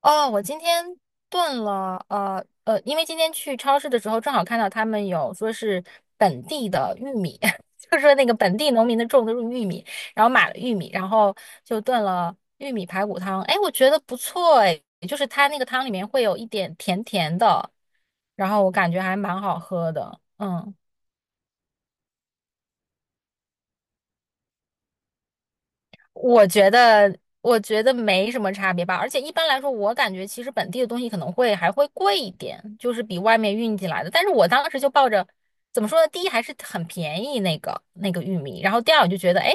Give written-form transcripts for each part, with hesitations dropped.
哦，我今天炖了，因为今天去超市的时候，正好看到他们有说是本地的玉米，就是说那个本地农民的种的玉米，然后买了玉米，然后就炖了玉米排骨汤。哎，我觉得不错，哎，就是它那个汤里面会有一点甜甜的，然后我感觉还蛮好喝的，嗯。我觉得，我觉得没什么差别吧。而且一般来说，我感觉其实本地的东西可能会还会贵一点，就是比外面运进来的。但是我当时就抱着怎么说呢，第一还是很便宜那个玉米，然后第二我就觉得，哎，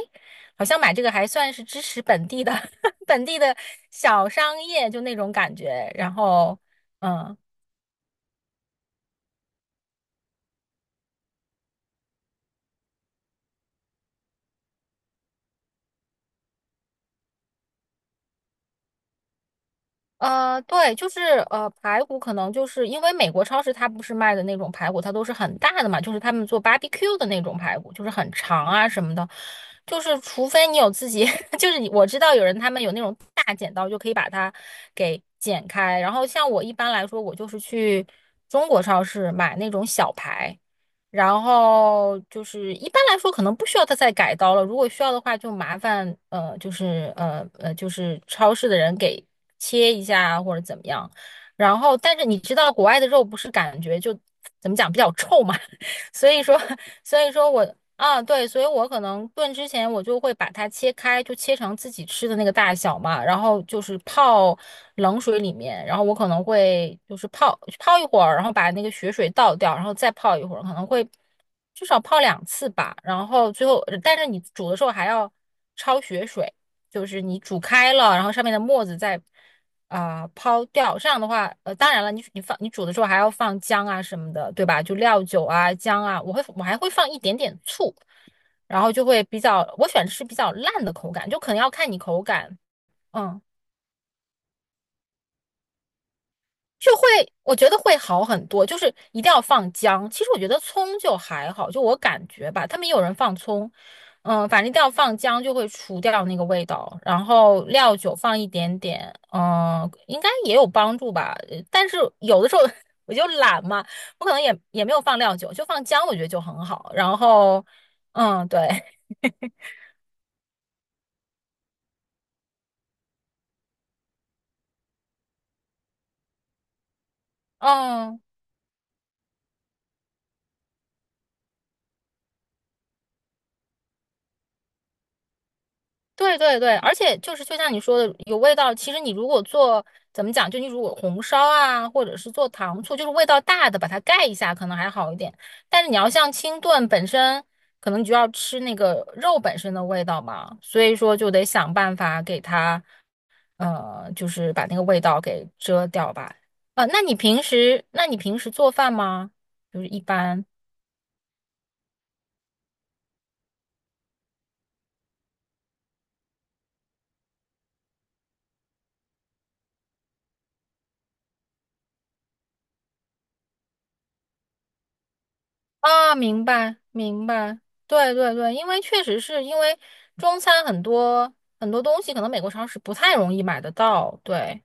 好像买这个还算是支持本地的 本地的小商业，就那种感觉。然后，嗯。对，就是排骨可能就是因为美国超市它不是卖的那种排骨，它都是很大的嘛，就是他们做 barbecue 的那种排骨，就是很长啊什么的，就是除非你有自己，就是你我知道有人他们有那种大剪刀就可以把它给剪开，然后像我一般来说，我就是去中国超市买那种小排，然后就是一般来说可能不需要他再改刀了，如果需要的话就麻烦就是超市的人给切一下啊或者怎么样。然后但是你知道国外的肉不是感觉就怎么讲比较臭嘛，所以说 所以说我啊，对，所以我可能炖之前我就会把它切开，就切成自己吃的那个大小嘛，然后就是泡冷水里面，然后我可能会就是泡泡一会儿，然后把那个血水倒掉，然后再泡一会儿，可能会至少泡2次吧。然后最后，但是你煮的时候还要焯血水，就是你煮开了，然后上面的沫子再抛掉。这样的话，当然了，你煮的时候还要放姜啊什么的，对吧？就料酒啊、姜啊，我还会放一点点醋，然后就会比较，我喜欢吃比较烂的口感，就可能要看你口感。嗯。就会，我觉得会好很多，就是一定要放姜。其实我觉得葱就还好，就我感觉吧，他们也有人放葱，嗯，反正一定要放姜，就会除掉那个味道。然后料酒放一点点，嗯，应该也有帮助吧。但是有的时候 我就懒嘛，我可能也没有放料酒，就放姜，我觉得就很好。然后，嗯，对，嗯。对对对，而且就是就像你说的，有味道。其实你如果做怎么讲，就你如果红烧啊，或者是做糖醋，就是味道大的，把它盖一下，可能还好一点。但是你要像清炖本身，可能你就要吃那个肉本身的味道嘛，所以说就得想办法给它，就是把那个味道给遮掉吧。那你平时做饭吗？就是一般。啊，明白明白，对对对，因为确实是因为中餐很多很多东西，可能美国超市不太容易买得到。对，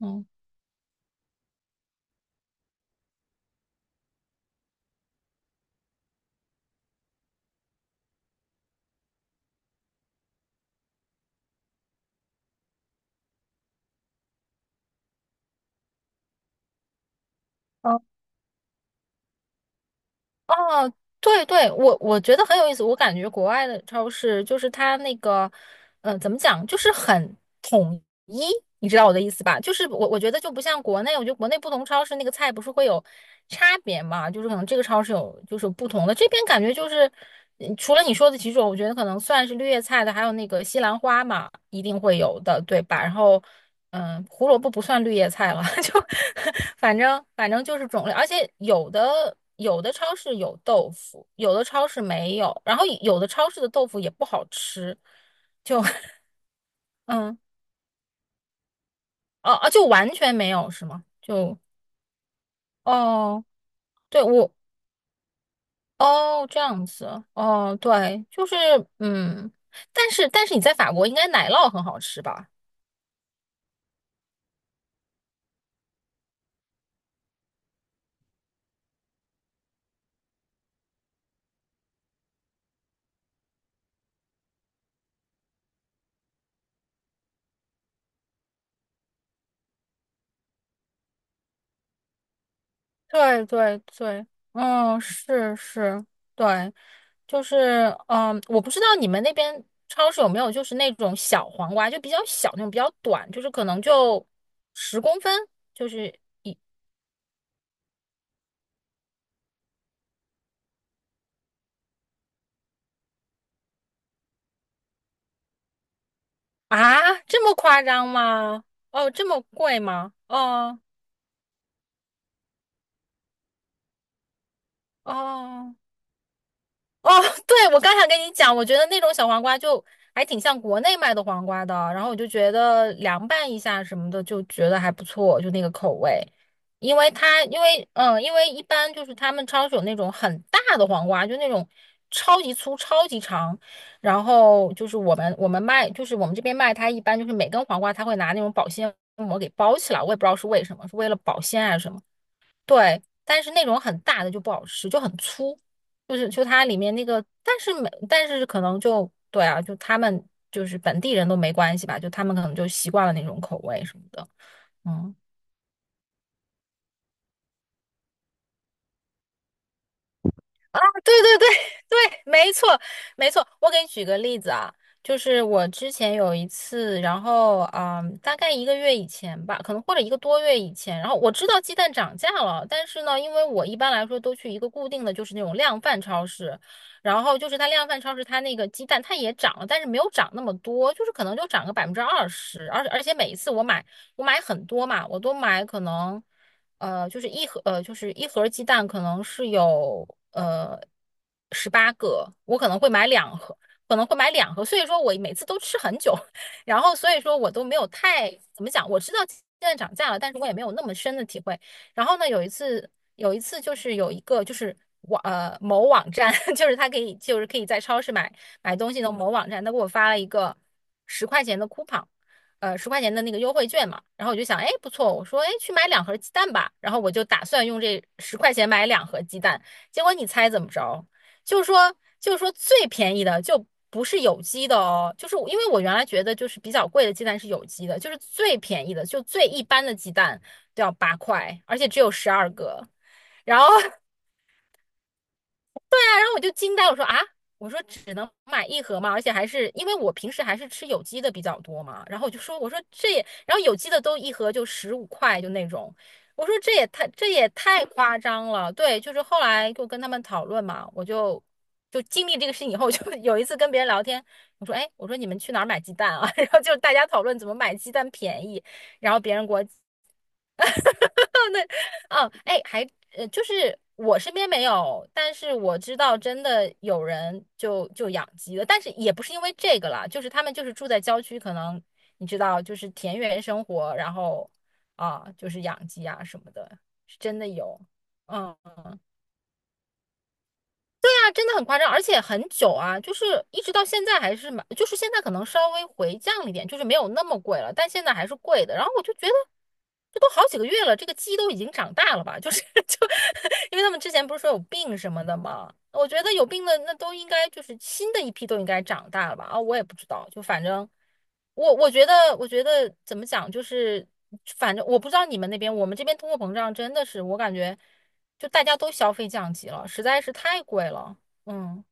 嗯，哦，对对，我觉得很有意思。我感觉国外的超市就是它那个，嗯，怎么讲，就是很统一，你知道我的意思吧？就是我觉得就不像国内，我觉得国内不同超市那个菜不是会有差别嘛，就是可能这个超市有就是不同的，这边感觉就是，嗯除了你说的几种，我觉得可能算是绿叶菜的，还有那个西兰花嘛，一定会有的，对吧？然后。嗯，胡萝卜不算绿叶菜了，就反正就是种类，而且有的超市有豆腐，有的超市没有，然后有的超市的豆腐也不好吃，就 嗯哦哦，就完全没有是吗？就哦，对我哦这样子哦，对，就是嗯，但是你在法国应该奶酪很好吃吧？对对对，嗯，是是，对，就是嗯，我不知道你们那边超市有没有就是那种小黄瓜，就比较小那种，比较短，就是可能就10公分，就是啊，这么夸张吗？哦，这么贵吗？哦哦。哦，对，我刚想跟你讲，我觉得那种小黄瓜就还挺像国内卖的黄瓜的，然后我就觉得凉拌一下什么的，就觉得还不错，就那个口味。因为它，因为一般就是他们超市有那种很大的黄瓜，就那种超级粗、超级长，然后就是我们卖，就是我们这边卖它一般就是每根黄瓜，它会拿那种保鲜膜给包起来，我也不知道是为什么，是为了保鲜还是什么。对，但是那种很大的就不好吃，就很粗，就是就它里面那个，但是没，但是可能就对啊，就他们就是本地人都没关系吧，就他们可能就习惯了那种口味什么的，嗯。对对对 对，没错没错。我给你举个例子啊，就是我之前有一次，然后嗯，大概一个月以前吧，可能或者一个多月以前，然后我知道鸡蛋涨价了，但是呢，因为我一般来说都去一个固定的，就是那种量贩超市，然后就是它量贩超市它那个鸡蛋它也涨了，但是没有涨那么多，就是可能就涨个20%，而且每一次我买很多嘛，我都买可能。就是一盒，就是一盒鸡蛋可能是有呃18个，我可能会买两盒，所以说我每次都吃很久，然后所以说我都没有太怎么讲，我知道现在涨价了，但是我也没有那么深的体会。然后呢，有一次就是有一个就是某网站，就是他可以就是可以在超市买东西的某网站，他给我发了一个十块钱的 coupon。10块钱的那个优惠券嘛，然后我就想，哎，不错，我说，哎，去买两盒鸡蛋吧，然后我就打算用这十块钱买两盒鸡蛋，结果你猜怎么着？就是说，就是说最便宜的就不是有机的哦，就是我因为我原来觉得就是比较贵的鸡蛋是有机的，就是最便宜的，就最一般的鸡蛋都要8块，而且只有12个，然后我就惊呆，我说啊，我说只能买一盒嘛，而且还是因为我平时还是吃有机的比较多嘛，然后我就说这也，然后有机的都一盒就15块就那种，我说这也太夸张了，对，就是后来就跟他们讨论嘛，我就经历这个事情以后，就有一次跟别人聊天，我说哎，我说你们去哪儿买鸡蛋啊？然后就大家讨论怎么买鸡蛋便宜，然后别人给我对，哦，哎，还就是我身边没有，但是我知道真的有人就养鸡了，但是也不是因为这个啦，就是他们就是住在郊区，可能你知道，就是田园生活，然后啊，就是养鸡啊什么的，是真的有，嗯啊，真的很夸张，而且很久啊，就是一直到现在还是蛮，就是现在可能稍微回降了一点，就是没有那么贵了，但现在还是贵的。然后我就觉得，这都好几个月了，这个鸡都已经长大了吧？就是 就，因为他们之前不是说有病什么的嘛，我觉得有病的那都应该就是新的一批都应该长大了吧？啊，我也不知道，就反正我觉得怎么讲，就是反正我不知道你们那边，我们这边通货膨胀真的是我感觉。就大家都消费降级了，实在是太贵了。嗯，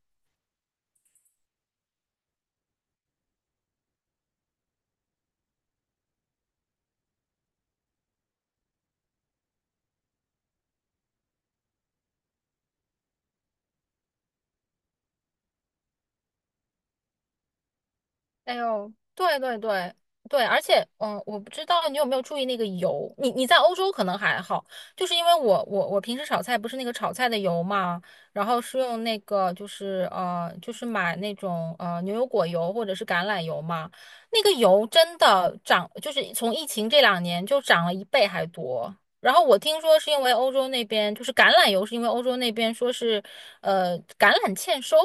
哎呦，对对对对，而且，嗯，我不知道你有没有注意那个油，你在欧洲可能还好，就是因为我平时炒菜不是那个炒菜的油嘛，然后是用那个就是买那种牛油果油或者是橄榄油嘛，那个油真的涨，就是从疫情这2年就涨了一倍还多。然后我听说是因为欧洲那边就是橄榄油，是因为欧洲那边说是橄榄欠收。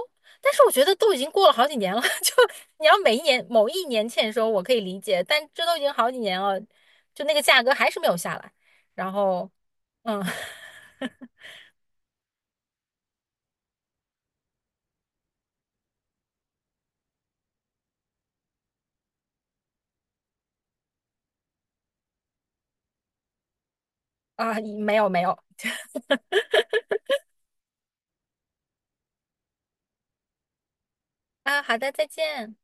但是我觉得都已经过了好几年了，就你要每一年某一年欠收，我可以理解，但这都已经好几年了，就那个价格还是没有下来。然后，嗯，啊，没有没有，啊，好的，再见。